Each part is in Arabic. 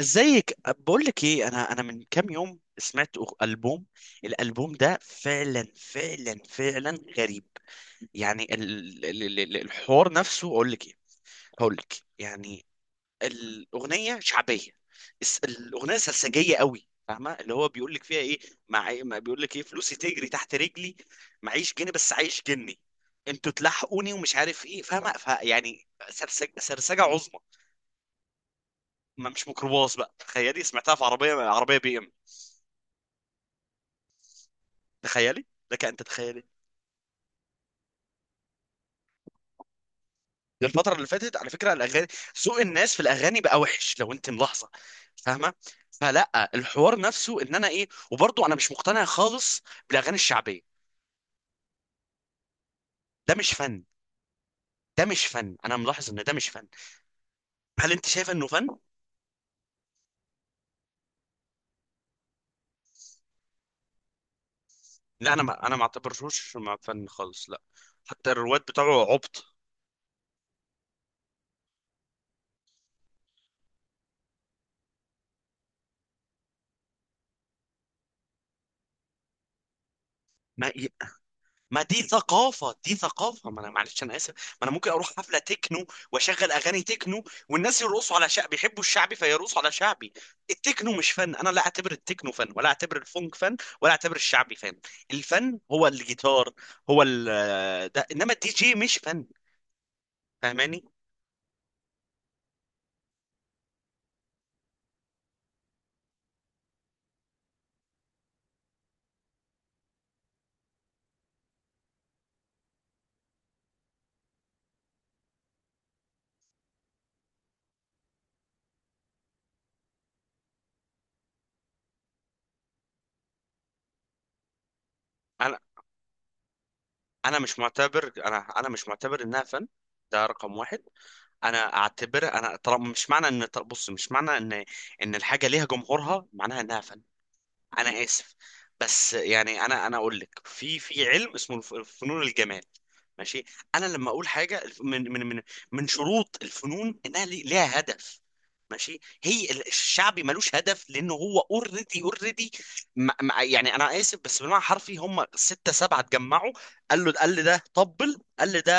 ازيك بقول لك ايه، انا من كام يوم سمعت أغ- البوم الالبوم ده، فعلا فعلا فعلا غريب. يعني الحوار نفسه، اقول لك ايه؟ هقول لك، يعني الاغنيه شعبيه. الاغنيه سرسجيه قوي، فاهمه اللي هو بيقول لك فيها ايه؟ مع إيه، ما بيقول لك ايه فلوسي تجري تحت رجلي، معيش جنيه بس عايش جني، انتوا تلحقوني ومش عارف ايه، فاهمه؟ فيعني سرسجه سرسجه عظمى. ما مش ميكروباص بقى، تخيلي سمعتها في عربيه بي ام. تخيلي، لك ان تتخيلي. الفتره اللي فاتت على فكره الاغاني، سوق الناس في الاغاني بقى وحش لو انت ملاحظه. فاهمه؟ فلا الحوار نفسه ان انا ايه، وبرضه انا مش مقتنع خالص بالاغاني الشعبيه. ده مش فن. ده مش فن، انا ملاحظ ان ده مش فن. هل انت شايفه انه فن؟ لا، انا ما اعتبرهوش مع فن خالص، لا. حتى الرواد بتاعه عبط. ما ما دي ثقافة، دي ثقافة. ما انا معلش، انا اسف. ما انا ممكن اروح حفلة تكنو واشغل اغاني تكنو والناس يرقصوا على شعبي، بيحبوا الشعبي فيرقصوا على شعبي. التكنو مش فن، انا لا اعتبر التكنو فن، ولا اعتبر الفونك فن، ولا اعتبر الشعبي فن. الفن هو الجيتار، هو ال... ده. انما الدي جي مش فن، فاهماني؟ انا انا مش معتبر انها فن. ده رقم واحد. انا اعتبر، انا طالما مش معنى ان، بص، مش معنى ان الحاجه ليها جمهورها معناها انها فن. انا اسف. بس يعني، انا اقول لك، في علم اسمه فنون الجمال. ماشي؟ انا لما اقول حاجه، من من شروط الفنون انها ليها هدف. ماشي؟ هي الشعبي ملوش هدف، لانه هو اوريدي اوريدي. يعني انا اسف، بس بالمعنى الحرفي هم سته سبعه اتجمعوا، قال له، قال لي ده طبل، قال لي ده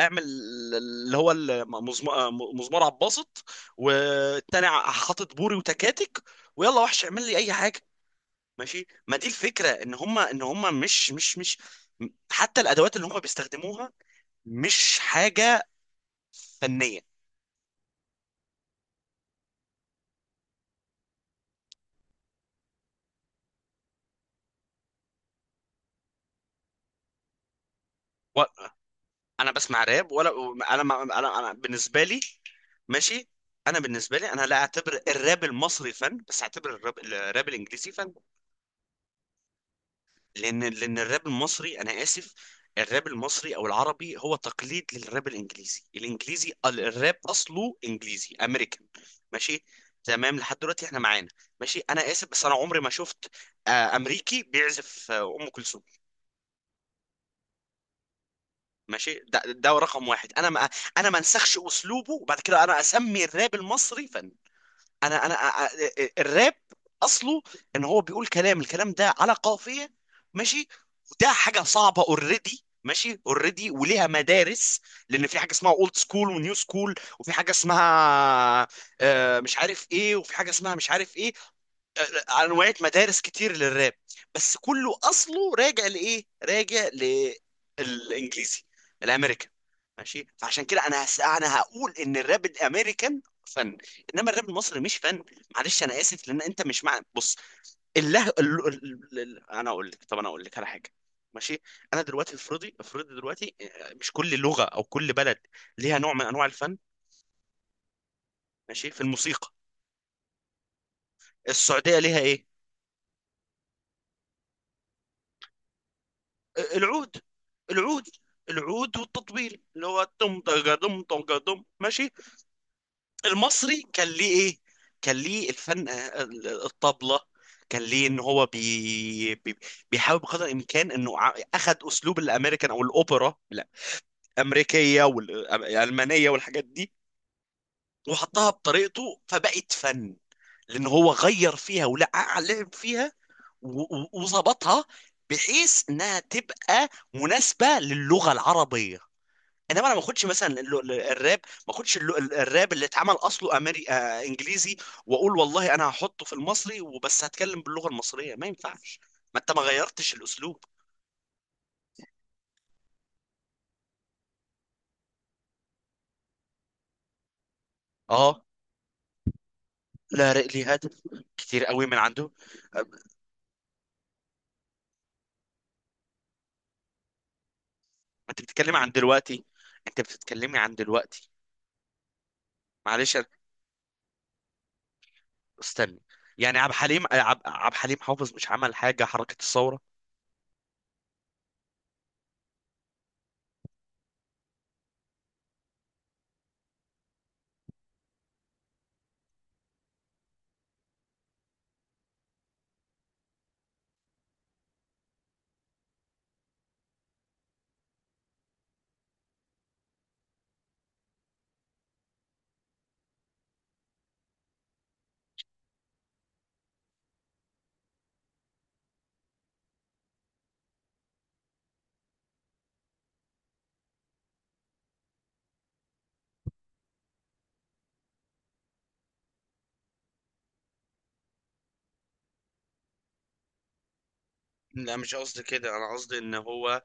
اعمل، اللي هو مزمار عباسط، والتاني حاطط بوري وتكاتك، ويلا وحش اعمل لي اي حاجه. ماشي؟ ما دي الفكره، ان هم مش حتى الادوات اللي هم بيستخدموها مش حاجه فنيه. و- انا بسمع راب ولا؟ انا ما- انا انا بالنسبه لي، ماشي، انا بالنسبه لي، انا لا اعتبر الراب المصري فن، بس اعتبر الراب الانجليزي فن. لان الراب المصري، انا اسف، الراب المصري او العربي هو تقليد للراب الانجليزي. الراب اصله انجليزي امريكان. ماشي؟ تمام، لحد دلوقتي احنا معانا. ماشي، انا اسف بس انا عمري ما شفت امريكي بيعزف ام كلثوم. ماشي، ده رقم واحد. انا ما انسخش اسلوبه، وبعد كده انا اسمي الراب المصري فن. انا انا ا- الراب اصله ان هو بيقول كلام، الكلام ده على قافيه. ماشي؟ وده حاجه صعبه، اوريدي، ماشي، اوريدي، وليها مدارس. لان في حاجه اسمها اولد سكول ونيو سكول، وفي حاجه اسمها مش عارف ايه، وفي حاجه اسمها مش عارف ايه. انواع مدارس كتير للراب، بس كله اصله راجع لايه، راجع للانجليزي الامريكان. ماشي؟ فعشان كده انا انا هقول ان الراب الامريكان فن، انما الراب المصري مش فن. معلش انا اسف، لان انت مش مع، بص، الله انا اقول لك، طب انا اقول لك على حاجه. ماشي؟ انا دلوقتي افرضي، افرضي دلوقتي، مش كل لغه او كل بلد ليها نوع من انواع الفن. ماشي؟ في الموسيقى، السعوديه ليها ايه؟ العود. العود. العود والتطبيل، اللي هو دم طقة دم طقة دم. ماشي؟ المصري كان ليه ايه؟ كان ليه الفن الطبلة. كان ليه ان هو بيحاول بقدر الامكان انه اخد اسلوب الامريكان او الاوبرا الامريكيه والالمانيه والحاجات دي وحطها بطريقته، فبقت فن. لان هو غير فيها ولعب لعب فيها وظبطها بحيث انها تبقى مناسبه للغه العربيه. انما انا ما اخدش مثلا الراب، ما اخدش الراب اللي اتعمل اصله امري انجليزي، واقول والله انا هحطه في المصري وبس، هتكلم باللغه المصريه. ما ينفعش. ما انت ما غيرتش الاسلوب. اه. لا، لي هذا كتير قوي من عنده. آه، انت بتتكلمي عن دلوقتي؟ انت بتتكلمي عن دلوقتي. معلش استني. يعني عبد الحليم، عبد الحليم حافظ مش عمل حاجه، حركه الثوره؟ لا مش قصدي كده، انا قصدي ان هو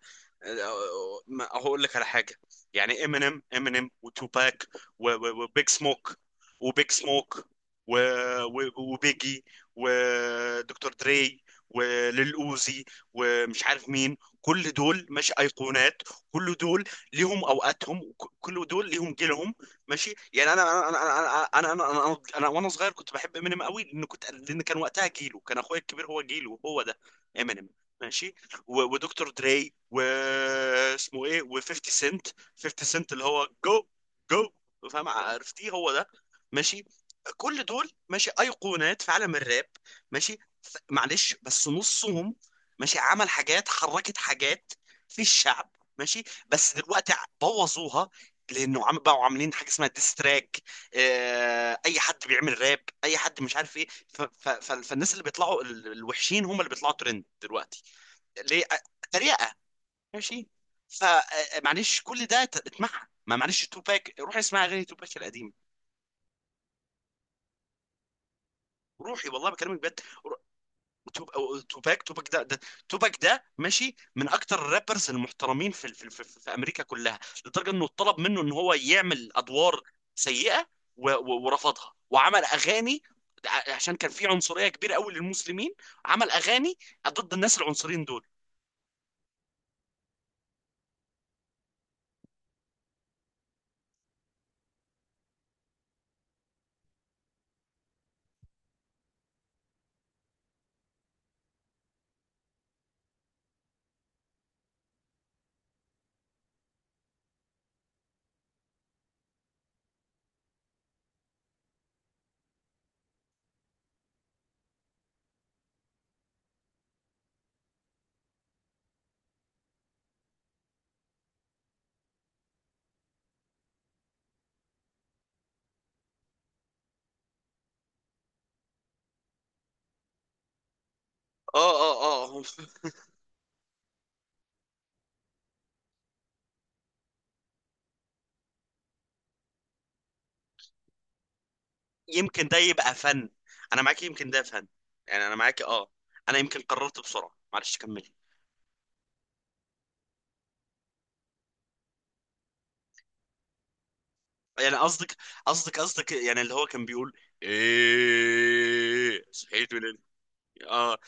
ما- هقول لك على حاجه. يعني امينيم، وتوباك وبيج سموك. وبيج سموك وبيجي ودكتور دري وليل اوزي ومش عارف مين. كل دول مش ايقونات؟ كل دول ليهم اوقاتهم، كل دول ليهم جيلهم. ماشي؟ يعني انا انا انا انا انا انا, أنا, أنا وانا صغير كنت بحب امينيم قوي، لان كنت، لان كان وقتها جيله، كان اخويا الكبير هو جيله هو ده، امينيم. ماشي؟ ودكتور دري واسمه ايه و50 سنت. 50 سنت اللي هو جو، جو، فاهم؟ عرفتيه هو ده. ماشي؟ كل دول ماشي ايقونات في عالم الراب. ماشي؟ معلش بس نصهم، ماشي، عمل حاجات، حركت حاجات في الشعب. ماشي؟ بس دلوقتي بوظوها، لانه عم بقوا عاملين حاجه اسمها ديستراك. اي حد بيعمل راب، اي حد مش عارف ايه، فالناس اللي بيطلعوا الوحشين هم اللي بيطلعوا ترند دلوقتي. ليه؟ تريقه. ماشي؟ فمعلش كل ده اسمعها. ما معلش، توباك، روح اسمع اغاني توباك القديمه. روحي والله بكلمك بجد. رو- توباك ده توباك ده ماشي من اكتر الرابرز المحترمين في امريكا كلها. لدرجه انه اتطلب منه ان هو يعمل ادوار سيئه، ورفضها، وعمل اغاني عشان كان في عنصريه كبيره قوي للمسلمين. عمل اغاني ضد الناس العنصريين دول. اه، اه، اه. يمكن ده يبقى فن. انا معاك، يمكن ده فن. يعني انا معاك، اه. انا يمكن قررت بسرعه، معلش كمل. يعني قصدك، قصدك يعني اللي هو كان بيقول ايه، صحيت من اه.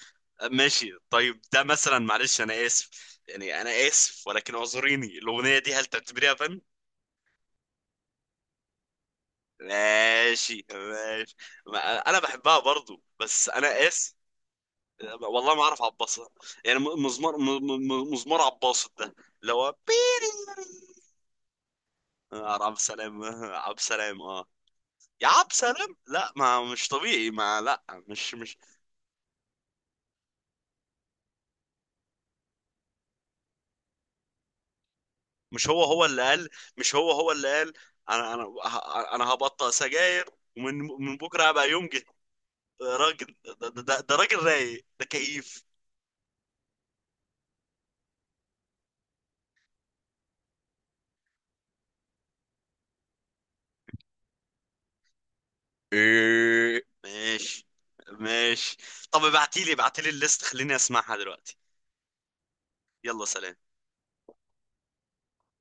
ماشي طيب ده مثلا، معلش انا اسف، يعني انا اسف ولكن اعذريني، الاغنيه دي هل تعتبريها فن؟ ماشي ماشي. ما- انا بحبها برضو بس انا اسف. والله ما اعرف عباصة. يعني مزمار مزمار عباصة ده اللي هو عبد السلام عبد السلام، اه، يا عبد السلام، لا ما مش طبيعي، ما لا مش مش. مش هو اللي قال، مش هو اللي قال، انا انا هبطل سجاير ومن بكره هبقى يمجد؟ راجل، ده راجل رايق، ده كيف؟ إيه. ماشي. ماشي. طب ابعتيلي، الليست خليني اسمعها دلوقتي. يلا، سلام.